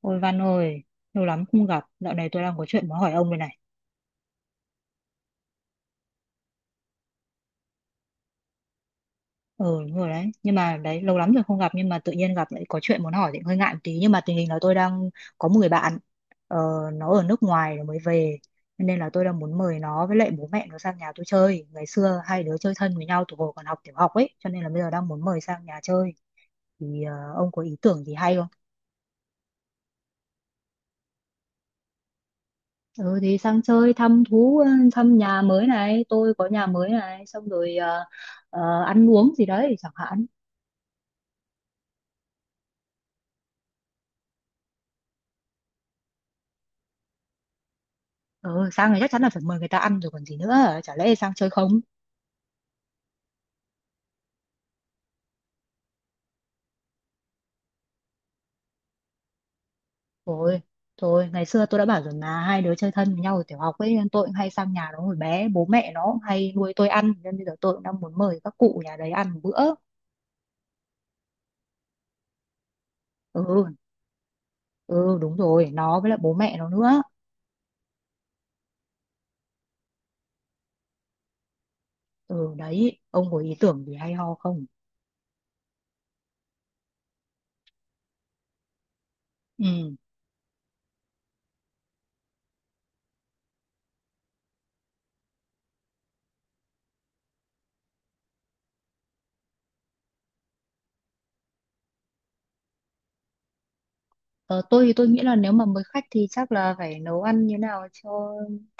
Ôi Văn ơi, lâu lắm không gặp, dạo này tôi đang có chuyện muốn hỏi ông đây này. Ừ, đúng rồi đấy, nhưng mà đấy, lâu lắm rồi không gặp nhưng mà tự nhiên gặp lại có chuyện muốn hỏi thì hơi ngại một tí. Nhưng mà tình hình là tôi đang có một người bạn, ờ, nó ở nước ngoài rồi mới về. Cho nên là tôi đang muốn mời nó với lại bố mẹ nó sang nhà tôi chơi. Ngày xưa hai đứa chơi thân với nhau từ hồi còn học tiểu học ấy, cho nên là bây giờ đang muốn mời sang nhà chơi. Thì ông có ý tưởng gì hay không? Ừ thì sang chơi thăm thú, thăm nhà mới này, tôi có nhà mới này, xong rồi, ăn uống gì đấy chẳng hạn. Ừ, sang thì chắc chắn là phải mời người ta ăn rồi còn gì nữa. Chả lẽ sang chơi không? Rồi, thôi, ngày xưa tôi đã bảo rồi mà hai đứa chơi thân với nhau ở tiểu học ấy, nên tôi cũng hay sang nhà nó hồi bé, bố mẹ nó cũng hay nuôi tôi ăn, nên bây giờ tôi cũng đang muốn mời các cụ nhà đấy ăn một bữa. Ừ, ừ, đúng rồi, nó với lại bố mẹ nó nữa. Ừ, đấy, ông có ý tưởng gì hay ho không? Ừ. Ờ, tôi thì tôi nghĩ là nếu mà mới khách thì chắc là phải nấu ăn như nào cho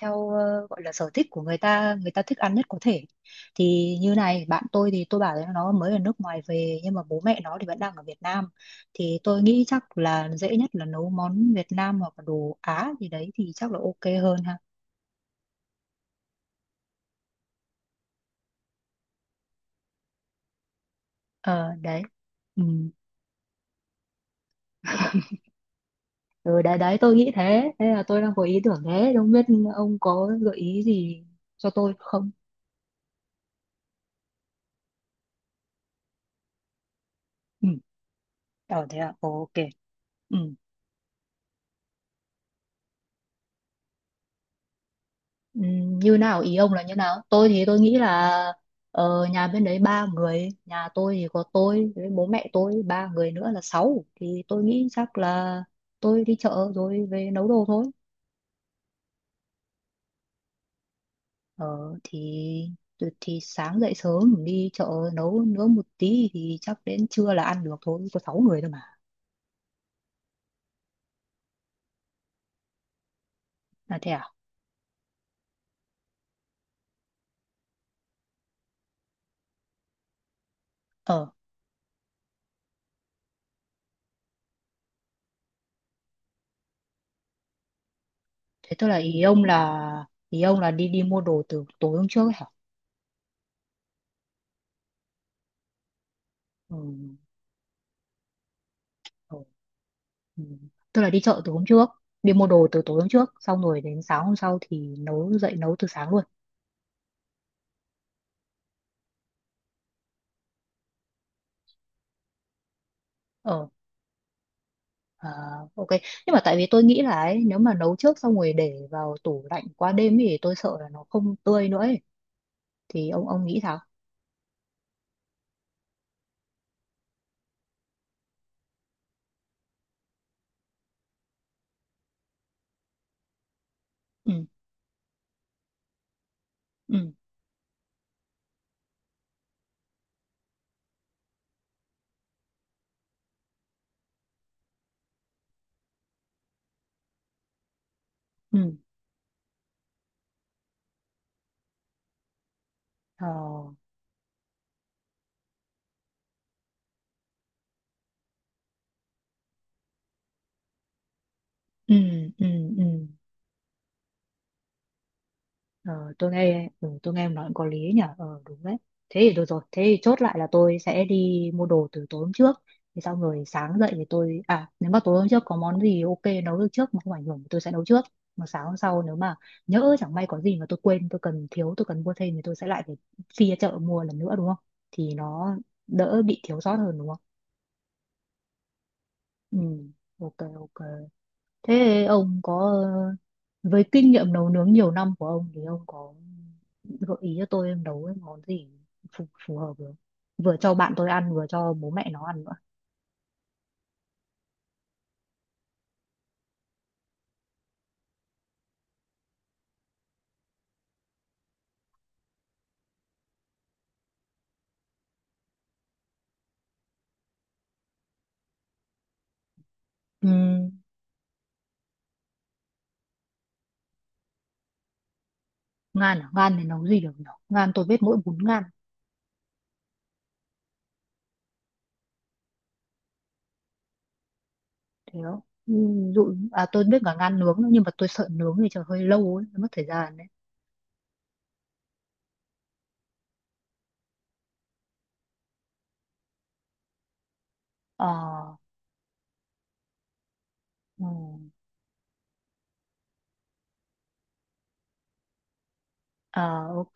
theo gọi là sở thích của người ta, người ta thích ăn nhất có thể. Thì như này, bạn tôi thì tôi bảo là nó mới ở nước ngoài về nhưng mà bố mẹ nó thì vẫn đang ở Việt Nam, thì tôi nghĩ chắc là dễ nhất là nấu món Việt Nam hoặc là đồ Á gì đấy thì chắc là ok hơn ha. Ờ đấy, ừ. ừ đấy đấy tôi nghĩ thế, thế là tôi đang có ý tưởng, thế không biết ông có gợi ý gì cho tôi không. Ừ, ờ thế à, ok. Ừ. Như nào? Ý ông là như nào? Tôi thì tôi nghĩ là nhà bên đấy ba người, nhà tôi thì có tôi với bố mẹ tôi ba người nữa là sáu, thì tôi nghĩ chắc là tôi đi chợ rồi về nấu đồ thôi. ờ, thì thì sáng dậy sớm đi chợ nấu nướng một tí thì chắc đến trưa là ăn được thôi, có sáu người thôi mà. Là thế à? Ờ thế tức là ý ông, là ý ông là đi, đi mua đồ từ tối hôm trước ấy hả? Ừ. Ừ. Tức là đi chợ từ hôm trước, đi mua đồ từ tối hôm trước, xong rồi đến sáng hôm sau thì nấu, dậy nấu từ sáng luôn. Ờ, à, ok. Nhưng mà tại vì tôi nghĩ là ấy, nếu mà nấu trước xong rồi để vào tủ lạnh qua đêm thì tôi sợ là nó không tươi nữa ấy. Thì ông nghĩ sao? Ừ, ừ, ừ, ờ, ừ, ừ, ừ. Ờ, tôi nghe, ừ, tôi nghe em nói cũng có lý nhỉ, đúng đấy. Thế thì được rồi, thế thì chốt lại là tôi sẽ đi mua đồ từ tối hôm trước, thì xong rồi sáng dậy thì tôi, à, nếu mà tối hôm trước có món gì ok nấu được trước mà không ảnh hưởng thì tôi sẽ nấu trước, mà sáng hôm sau nếu mà nhỡ chẳng may có gì mà tôi quên, tôi cần, thiếu, tôi cần mua thêm thì tôi sẽ lại phải phi ra chợ mua lần nữa, đúng không? Thì nó đỡ bị thiếu sót hơn, đúng không? Ừ, ok ok. Thế ông có, với kinh nghiệm nấu nướng nhiều năm của ông thì ông có gợi ý cho tôi em nấu cái món gì phù hợp được, vừa cho bạn tôi ăn vừa cho bố mẹ nó ăn nữa. Ừm, ngan à? Ngan thì nấu gì được nhỉ? Ngan tôi biết mỗi bún ngan. Thế đó, ví dụ à, tôi biết cả ngan nướng nữa, nhưng mà tôi sợ nướng thì chờ hơi lâu ấy, mất thời gian đấy. Ờ, ừ, ờ, ok.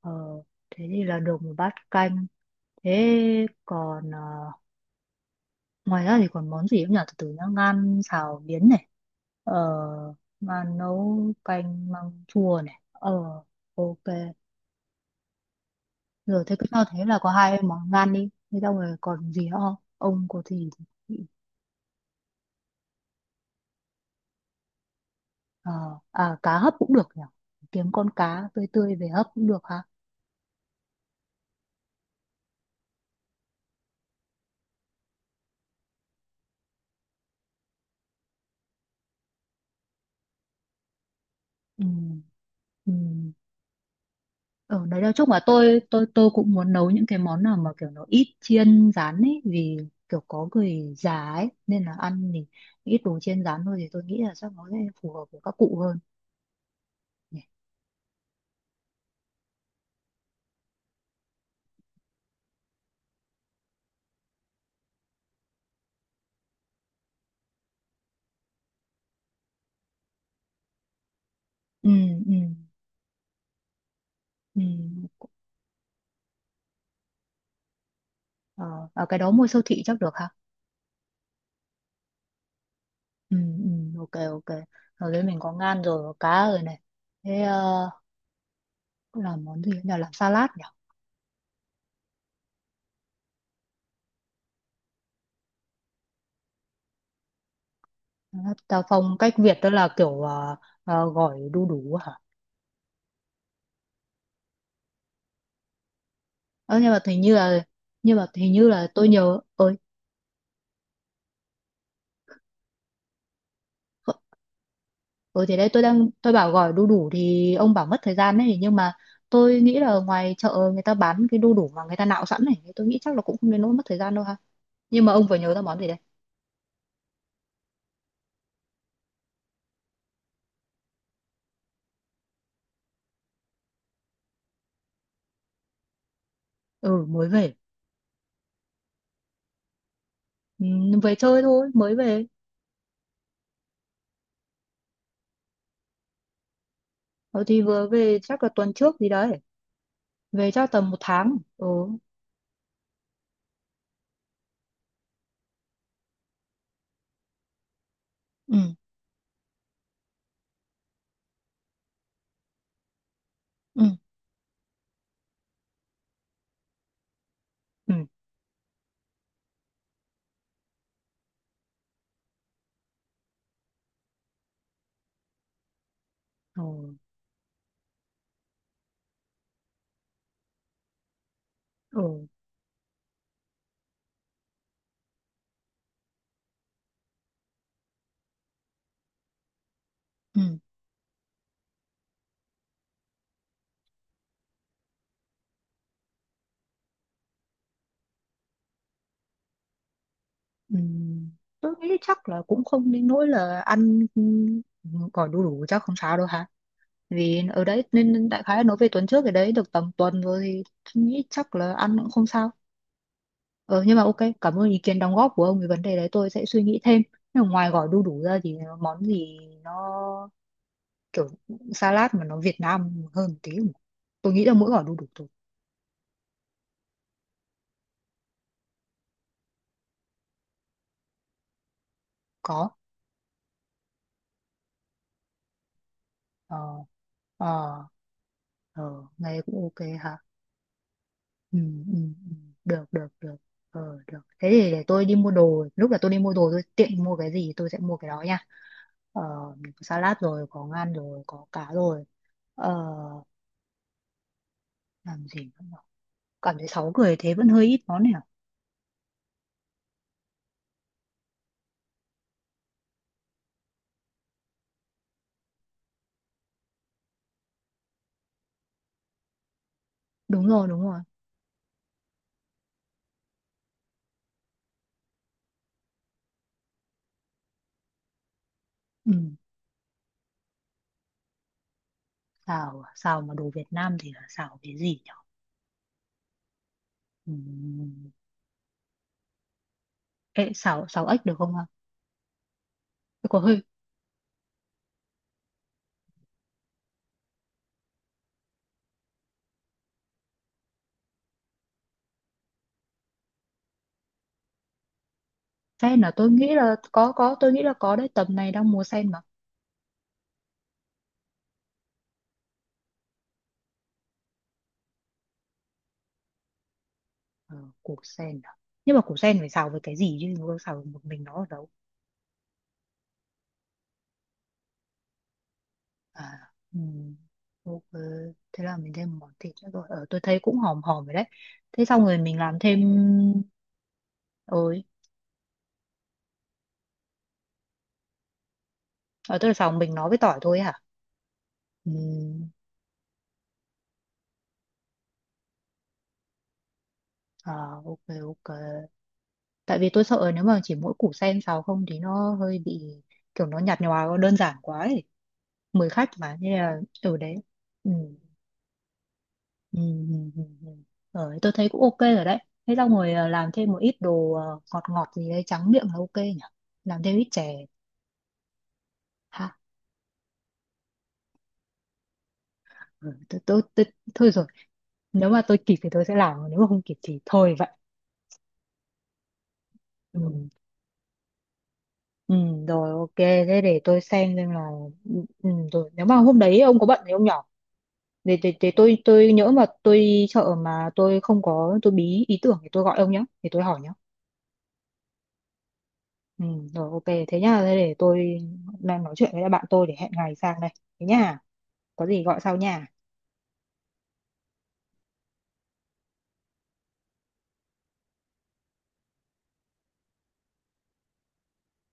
ờ, Thế thì là được một bát canh. Thế còn ngoài ra thì còn món gì cũng nhỉ, từ từ nhá, ngan xào miến này, ờ, mà nấu canh măng chua này, ờ, ok rồi. Thế cứ cho thế là có hai món ngan đi, thế xong rồi còn gì nữa không, ông có gì? Thì- ờ, à, cá hấp cũng được nhỉ, kiếm con cá tươi tươi về hấp cũng được ha. Ừ, ừ, ở đấy nói chung là tôi cũng muốn nấu những cái món nào mà kiểu nó ít chiên rán ấy, vì kiểu có người già ấy nên là ăn thì ít đồ chiên rán thôi, thì tôi nghĩ là chắc nó sẽ phù hợp với các cụ hơn nhỉ. Ừ, ừ, ừ. Ờ, à, cái đó mua siêu thị chắc được hả? Ừ, ừ, ok, ok. Rồi đấy, mình có ngan rồi, có cá rồi này. Thế làm món gì nhỉ? Làm salad nhỉ? Salad Tao phong cách Việt đó là kiểu gỏi đu đủ hả? Ờ, nhưng mà hình như là, nhưng mà hình như là tôi nhớ ơi. Thì đấy, tôi đang, tôi bảo gỏi đu đủ thì ông bảo mất thời gian đấy, nhưng mà tôi nghĩ là ngoài chợ người ta bán cái đu đủ mà người ta nạo sẵn này, tôi nghĩ chắc là cũng không đến nỗi mất thời gian đâu ha. Nhưng mà ông vừa nhớ ra món gì đấy. Ừ, mới về. Ừ, về chơi thôi, mới về. Ờ, thì vừa về chắc là tuần trước gì đấy. Về chắc tầm một tháng. Ừ. Ừ, ừ. Ừ. Ừ. Ừ. Ừ. Ừ. Tôi nghĩ chắc là cũng không đến nỗi là ăn, ừ, gọi đủ đủ chắc không sao đâu hả? Vì ở đấy nên đại khái nói về tuần trước, ở đấy được tầm tuần rồi thì tôi nghĩ chắc là ăn cũng không sao. Ờ, nhưng mà ok, cảm ơn ý kiến đóng góp của ông, về vấn đề đấy tôi sẽ suy nghĩ thêm. Nhưng mà ngoài gọi đu đủ ra thì món gì nó kiểu salad mà nó Việt Nam hơn một tí, tôi nghĩ là mỗi gói đu đủ tôi. Có. Ờ, ờ, ờ, nghe cũng ok hả. ừ, ừ, ừ. Được được được, ờ được. Thế thì để tôi đi mua đồ, lúc là tôi đi mua đồ tôi tiện mua cái gì tôi sẽ mua cái đó nha. Ờ, mình có salad rồi, có ngan rồi, có cá rồi. Ờ, làm gì nữa nhở? Cảm thấy sáu người thế vẫn hơi ít món này à? Đúng rồi đúng rồi. Ừ. Xào à? Xào mà đồ Việt Nam thì là xào cái gì nhỉ? Ừ. Ê, xào, xào ếch được không hả? Cuộc hơi sen là tôi nghĩ là có, tôi nghĩ là có đấy, tầm này đang mùa sen mà. Ờ, củ sen à? Nhưng mà củ sen phải xào với cái gì chứ không xào một mình nó ở đâu. À, ok. Thế là mình thêm món thịt nữa rồi, tôi thấy cũng hòm hòm rồi đấy. Thế xong rồi mình làm thêm. Ôi, ờ, tôi là xào mình nó với tỏi thôi hả? Ừm, à, ok ok. Tại vì tôi sợ nếu mà chỉ mỗi củ sen xào không thì nó hơi bị kiểu nó nhạt nhòa đơn giản quá ấy, mời khách mà nên là ở đấy. Ừ. Ừ, ừ. Ờ, tôi thấy cũng ok rồi đấy. Thế xong rồi làm thêm một ít đồ ngọt ngọt gì đấy trắng miệng là ok nhỉ? Làm thêm ít chè. Ha, ừ, thôi rồi. Nếu mà tôi kịp thì tôi sẽ làm, nếu mà không kịp thì thôi vậy. Ừ, ừ rồi ok. Thế để tôi xem là... Ừ, ừ, rồi. Nếu mà hôm đấy ông có bận thì ông nhỏ. Để tôi nhỡ mà tôi đi chợ mà tôi không có, tôi bí ý tưởng thì tôi gọi ông nhé. Thì tôi hỏi nhé. Ừ, rồi ok thế nhá. Thế để tôi đang nói chuyện với lại bạn tôi để hẹn ngày sang đây. Thế nhá, có gì gọi sau nha.